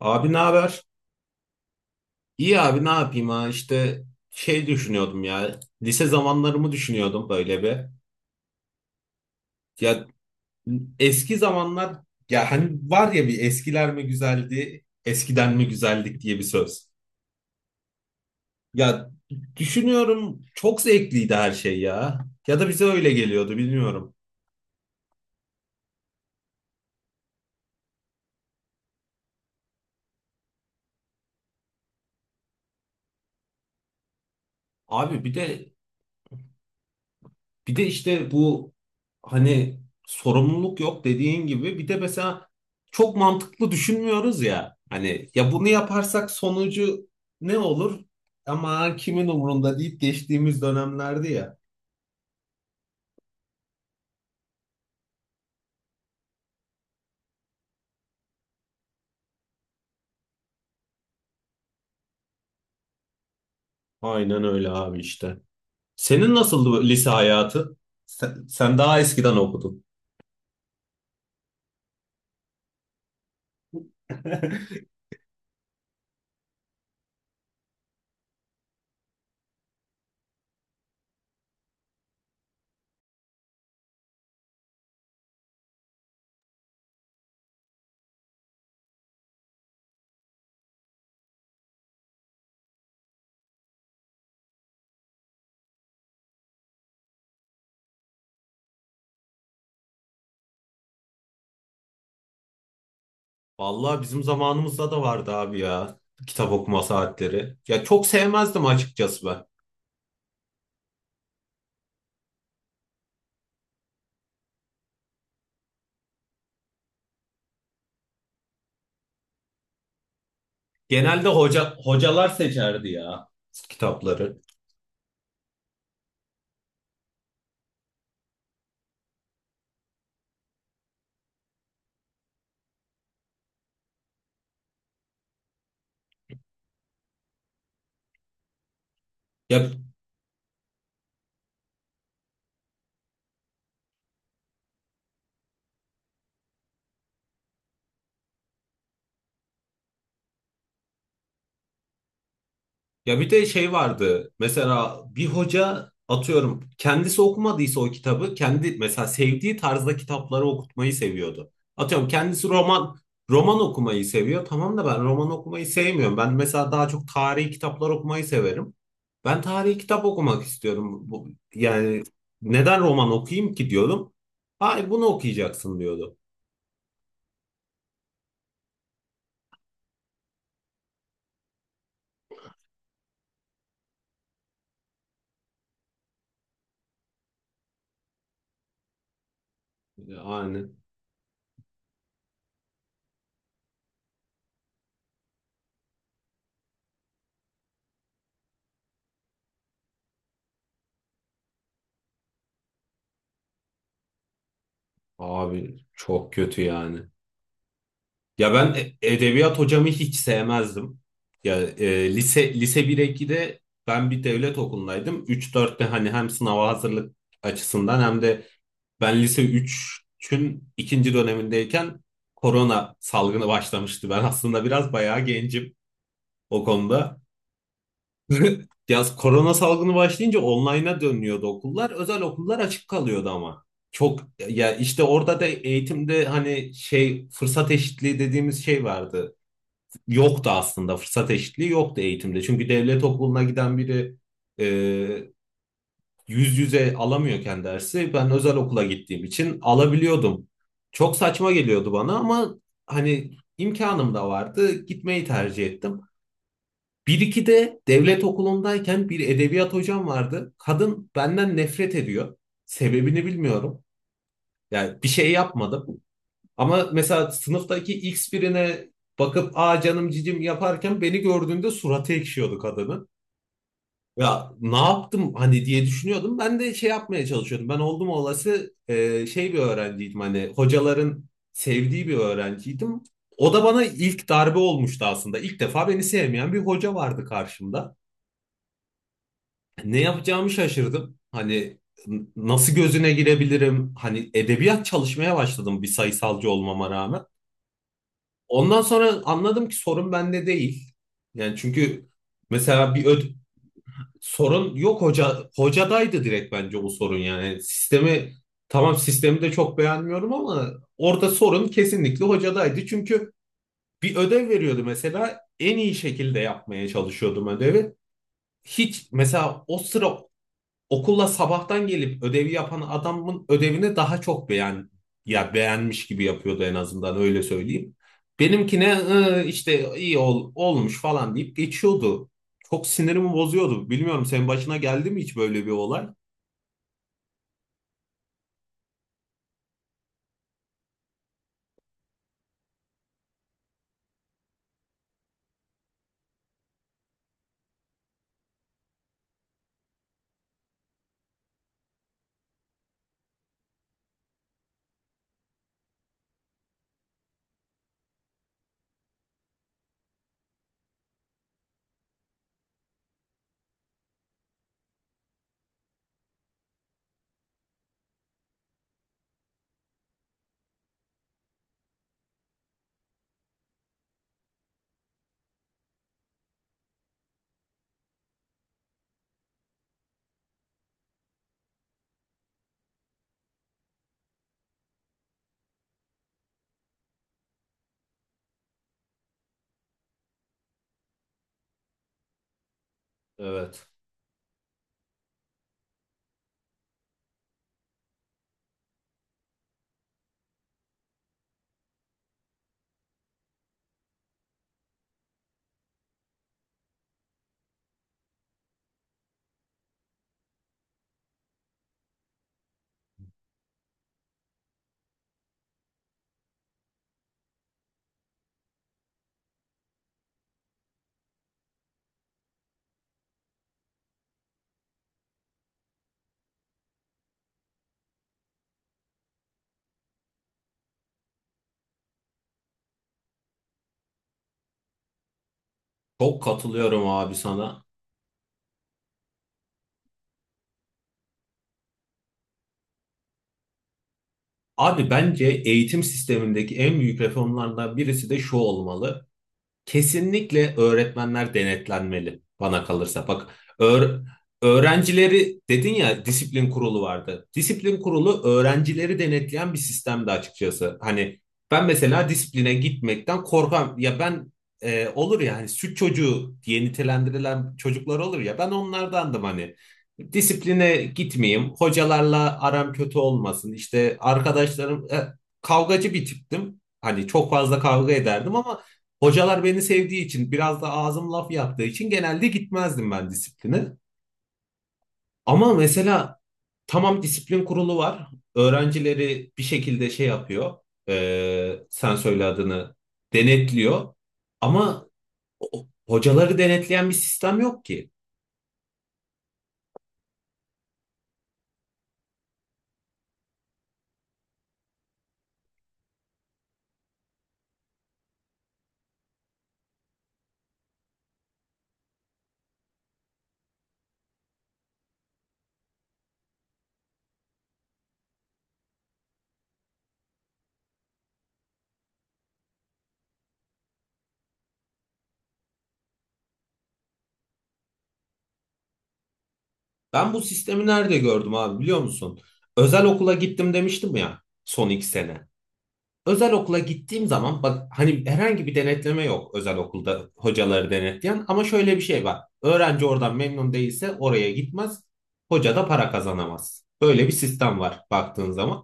Abi ne haber? İyi abi ne yapayım ha işte şey düşünüyordum ya lise zamanlarımı düşünüyordum böyle bir. Ya eski zamanlar ya hani var ya bir eskiler mi güzeldi eskiden mi güzeldik diye bir söz. Ya düşünüyorum çok zevkliydi her şey ya. Ya da bize öyle geliyordu bilmiyorum. Abi bir de. Bir de işte bu hani sorumluluk yok dediğin gibi bir de mesela çok mantıklı düşünmüyoruz ya. Hani ya bunu yaparsak sonucu ne olur? Ama kimin umurunda deyip geçtiğimiz dönemlerdi ya. Aynen öyle abi işte. Senin nasıldı bu lise hayatı? Sen daha eskiden okudun. Vallahi bizim zamanımızda da vardı abi ya kitap okuma saatleri. Ya çok sevmezdim açıkçası ben. Genelde hocalar seçerdi ya kitapları. Ya Ya bir de şey vardı. Mesela bir hoca atıyorum kendisi okumadıysa o kitabı kendi mesela sevdiği tarzda kitapları okutmayı seviyordu. Atıyorum kendisi roman okumayı seviyor. Tamam da ben roman okumayı sevmiyorum. Ben mesela daha çok tarihi kitaplar okumayı severim. Ben tarihi kitap okumak istiyorum. Yani neden roman okuyayım ki diyordum. Hayır bunu okuyacaksın diyordu. Yani abi çok kötü yani. Ya ben edebiyat hocamı hiç sevmezdim. Ya lise 1-2'de ben bir devlet okulundaydım. Üç dörtte hani hem sınava hazırlık açısından hem de ben lise üçün ikinci dönemindeyken korona salgını başlamıştı. Ben aslında biraz bayağı gencim o konuda. Yaz korona salgını başlayınca online'a dönüyordu okullar. Özel okullar açık kalıyordu ama. Çok Ya işte orada da eğitimde hani şey fırsat eşitliği dediğimiz şey yoktu aslında fırsat eşitliği yoktu eğitimde. Çünkü devlet okuluna giden biri e, yüz yüze alamıyorken dersi ben özel okula gittiğim için alabiliyordum. Çok saçma geliyordu bana ama hani imkanım da vardı gitmeyi tercih ettim. Bir iki de devlet okulundayken bir edebiyat hocam vardı. Kadın benden nefret ediyor. Sebebini bilmiyorum. Yani bir şey yapmadım. Ama mesela sınıftaki X birine bakıp aa canım cicim yaparken beni gördüğünde suratı ekşiyordu kadının. Ya ne yaptım hani diye düşünüyordum. Ben de şey yapmaya çalışıyordum. Ben oldum olası bir öğrenciydim hani hocaların sevdiği bir öğrenciydim. O da bana ilk darbe olmuştu aslında. İlk defa beni sevmeyen bir hoca vardı karşımda. Ne yapacağımı şaşırdım. Hani nasıl gözüne girebilirim? Hani edebiyat çalışmaya başladım bir sayısalcı olmama rağmen. Ondan sonra anladım ki sorun bende değil. Yani çünkü mesela sorun yok hocadaydı direkt bence bu sorun yani. Sistemi tamam sistemi de çok beğenmiyorum ama orada sorun kesinlikle hocadaydı. Çünkü bir ödev veriyordu mesela en iyi şekilde yapmaya çalışıyordum ödevi. Hiç mesela o sıra okulla sabahtan gelip ödevi yapan adamın ödevini daha çok ya beğenmiş gibi yapıyordu en azından öyle söyleyeyim. Benimkine işte iyi olmuş falan deyip geçiyordu. Çok sinirimi bozuyordu. Bilmiyorum senin başına geldi mi hiç böyle bir olay? Evet. Çok katılıyorum abi sana. Abi bence eğitim sistemindeki en büyük reformlardan birisi de şu olmalı. Kesinlikle öğretmenler denetlenmeli bana kalırsa. Bak öğ- öğrencileri dedin ya disiplin kurulu vardı. Disiplin kurulu öğrencileri denetleyen bir sistemdi açıkçası. Hani ben mesela disipline gitmekten korkan ya ben olur ya hani süt çocuğu diye nitelendirilen çocuklar olur ya ben onlardandım hani. Disipline gitmeyeyim, hocalarla aram kötü olmasın, işte arkadaşlarım kavgacı bir tiptim. Hani çok fazla kavga ederdim ama hocalar beni sevdiği için biraz da ağzım laf yaptığı için genelde gitmezdim ben disipline. Ama mesela tamam disiplin kurulu var. Öğrencileri bir şekilde şey yapıyor. Sen söyle adını denetliyor. Ama hocaları denetleyen bir sistem yok ki. Ben bu sistemi nerede gördüm abi biliyor musun? Özel okula gittim demiştim ya son 2 sene. Özel okula gittiğim zaman bak hani herhangi bir denetleme yok özel okulda hocaları denetleyen ama şöyle bir şey var. Öğrenci oradan memnun değilse oraya gitmez. Hoca da para kazanamaz. Böyle bir sistem var baktığın zaman.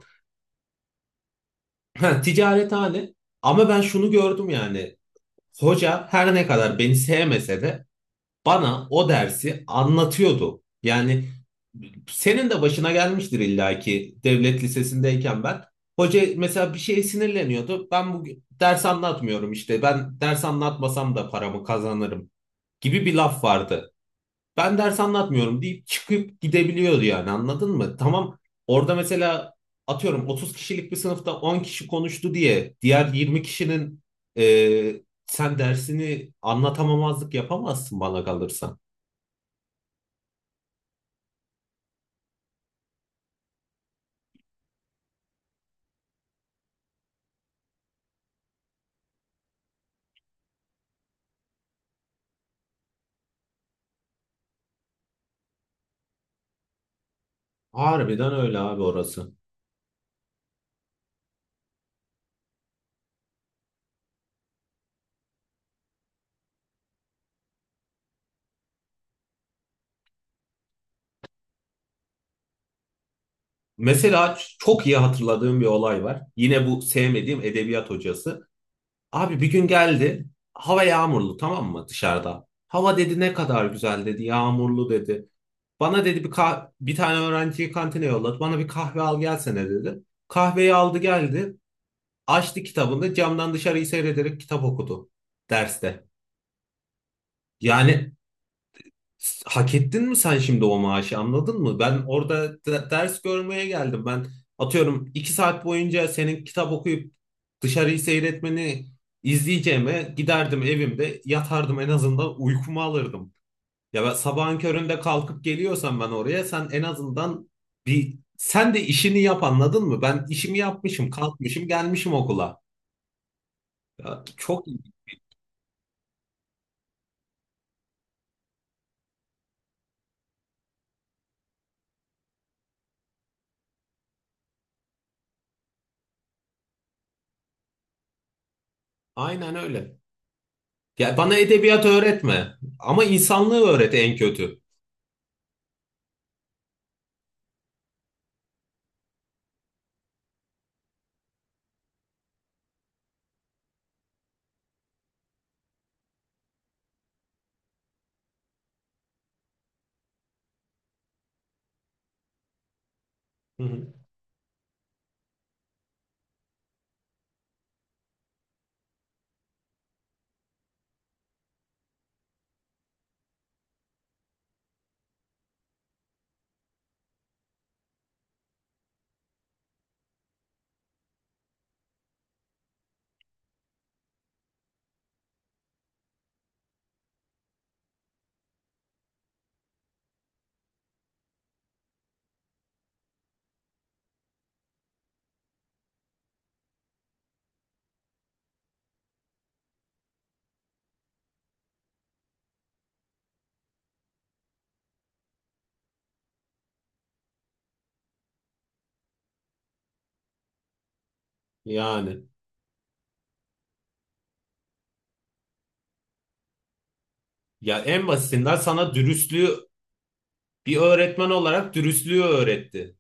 Ha, ticarethane ama ben şunu gördüm yani. Hoca her ne kadar beni sevmese de bana o dersi anlatıyordu. Yani senin de başına gelmiştir illaki devlet lisesindeyken ben. Hoca mesela bir şeye sinirleniyordu. Ben bu ders anlatmıyorum işte. Ben ders anlatmasam da paramı kazanırım gibi bir laf vardı. Ben ders anlatmıyorum deyip çıkıp gidebiliyordu yani anladın mı? Tamam orada mesela atıyorum 30 kişilik bir sınıfta 10 kişi konuştu diye diğer 20 kişinin e, sen dersini anlatamamazlık yapamazsın bana kalırsa. Harbiden öyle abi orası. Mesela çok iyi hatırladığım bir olay var. Yine bu sevmediğim edebiyat hocası. Abi bir gün geldi. Hava yağmurlu tamam mı dışarıda? Hava dedi ne kadar güzel dedi. Yağmurlu dedi. Bana dedi bir tane öğrenciyi kantine yolladı. Bana bir kahve al gelsene dedi. Kahveyi aldı geldi. Açtı kitabını camdan dışarıyı seyrederek kitap okudu derste. Yani Hak ettin mi sen şimdi o maaşı anladın mı? Ben orada ders görmeye geldim. Ben atıyorum 2 saat boyunca senin kitap okuyup dışarıyı seyretmeni izleyeceğime giderdim evimde yatardım en azından uykumu alırdım. Ya ben sabahın köründe kalkıp geliyorsam ben oraya sen en azından bir sen de işini yap anladın mı? Ben işimi yapmışım kalkmışım gelmişim okula. Ya çok iyi. Aynen öyle. Ya bana edebiyat öğretme ama insanlığı öğret en kötü. Hı hı. Yani ya en basitinden sana dürüstlüğü bir öğretmen olarak dürüstlüğü öğretti.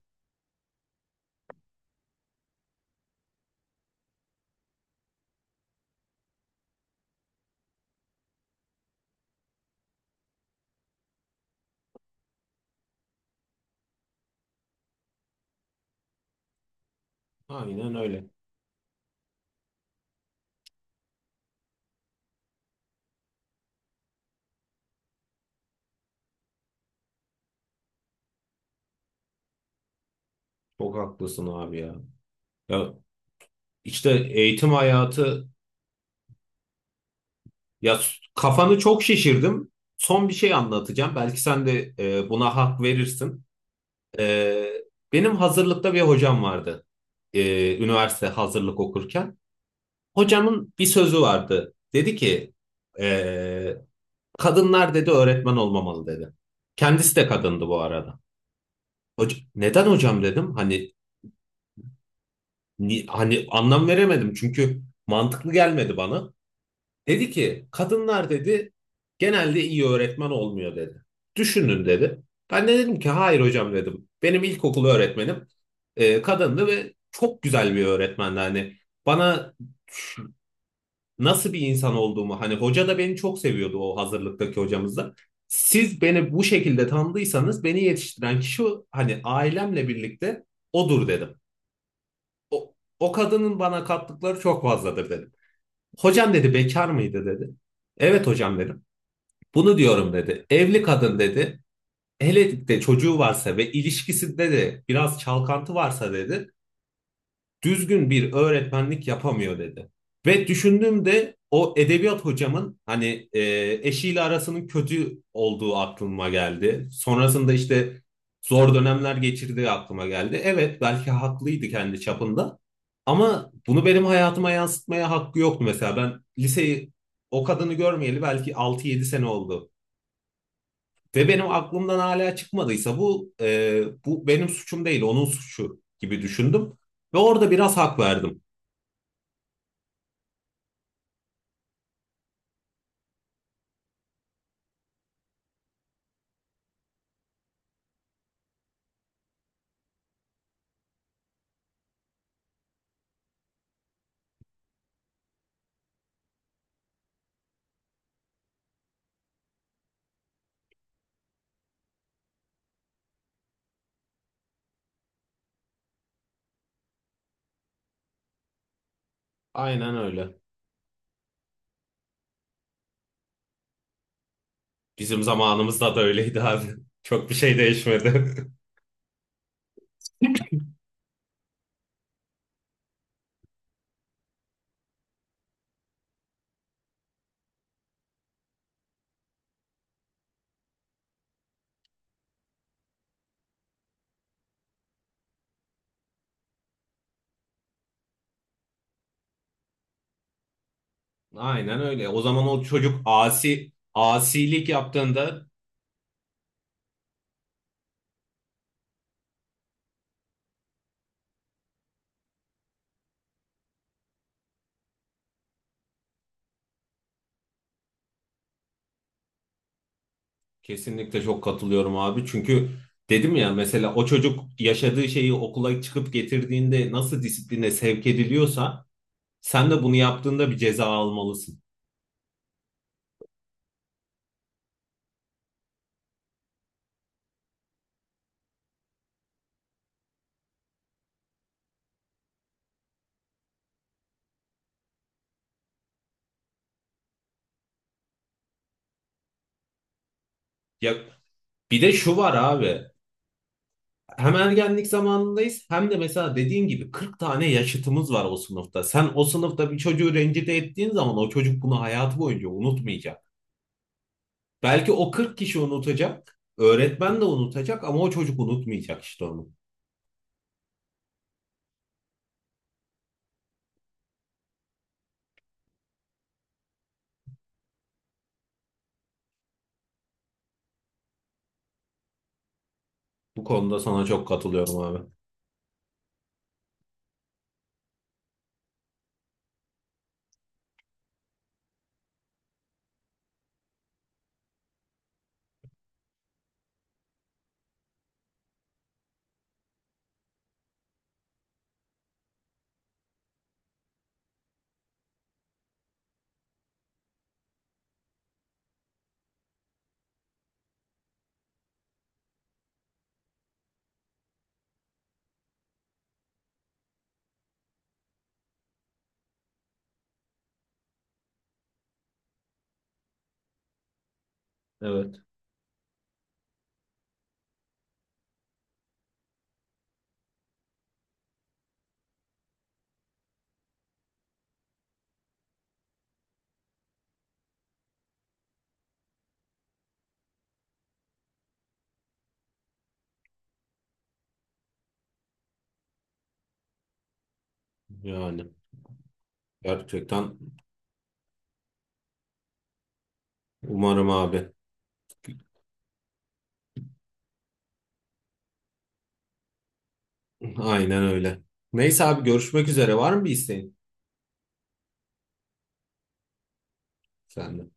Aynen öyle. Çok haklısın abi ya. Ya işte eğitim hayatı ya kafanı çok şişirdim. Son bir şey anlatacağım. Belki sen de buna hak verirsin. E, benim hazırlıkta bir hocam vardı. Üniversite hazırlık okurken. Hocamın bir sözü vardı. Dedi ki e, kadınlar dedi öğretmen olmamalı dedi. Kendisi de kadındı bu arada. Neden hocam dedim. Hani hani anlam veremedim çünkü mantıklı gelmedi bana. Dedi ki kadınlar dedi genelde iyi öğretmen olmuyor dedi. Düşünün dedi. Ben de dedim ki hayır hocam dedim. Benim ilkokul öğretmenim kadındı ve çok güzel bir öğretmendi. Hani bana ş- nasıl bir insan olduğumu hani hoca da beni çok seviyordu o hazırlıktaki hocamız da. Siz beni bu şekilde tanıdıysanız beni yetiştiren kişi hani ailemle birlikte odur dedim. O kadının bana kattıkları çok fazladır dedim. Hocam dedi bekar mıydı dedi. Evet hocam dedim. Bunu diyorum dedi. Evli kadın dedi. Hele de çocuğu varsa ve ilişkisinde de biraz çalkantı varsa dedi düzgün bir öğretmenlik yapamıyor dedi. Ve düşündüğümde o edebiyat hocamın hani eşiyle arasının kötü olduğu aklıma geldi. Sonrasında işte zor dönemler geçirdiği aklıma geldi. Evet belki haklıydı kendi çapında ama bunu benim hayatıma yansıtmaya hakkı yoktu mesela. Ben liseyi o kadını görmeyeli belki 6-7 sene oldu. Ve benim aklımdan hala çıkmadıysa bu benim suçum değil, onun suçu gibi düşündüm. Ve orada biraz hak verdim. Aynen öyle. Bizim zamanımızda da öyleydi abi. Çok bir şey değişmedi. Aynen öyle. O zaman o çocuk asilik yaptığında kesinlikle çok katılıyorum abi. Çünkü dedim ya mesela o çocuk yaşadığı şeyi okula çıkıp getirdiğinde nasıl disipline sevk ediliyorsa sen de bunu yaptığında bir ceza almalısın. Ya bir de şu var abi. Hem ergenlik zamanındayız hem de mesela dediğin gibi 40 tane yaşıtımız var o sınıfta. Sen o sınıfta bir çocuğu rencide ettiğin zaman o çocuk bunu hayatı boyunca unutmayacak. Belki o 40 kişi unutacak, öğretmen de unutacak ama o çocuk unutmayacak işte onu. Bu konuda sana çok katılıyorum abi. Evet. Yani gerçekten umarım abi. Aynen öyle. Neyse abi görüşmek üzere. Var mı bir isteğin senden?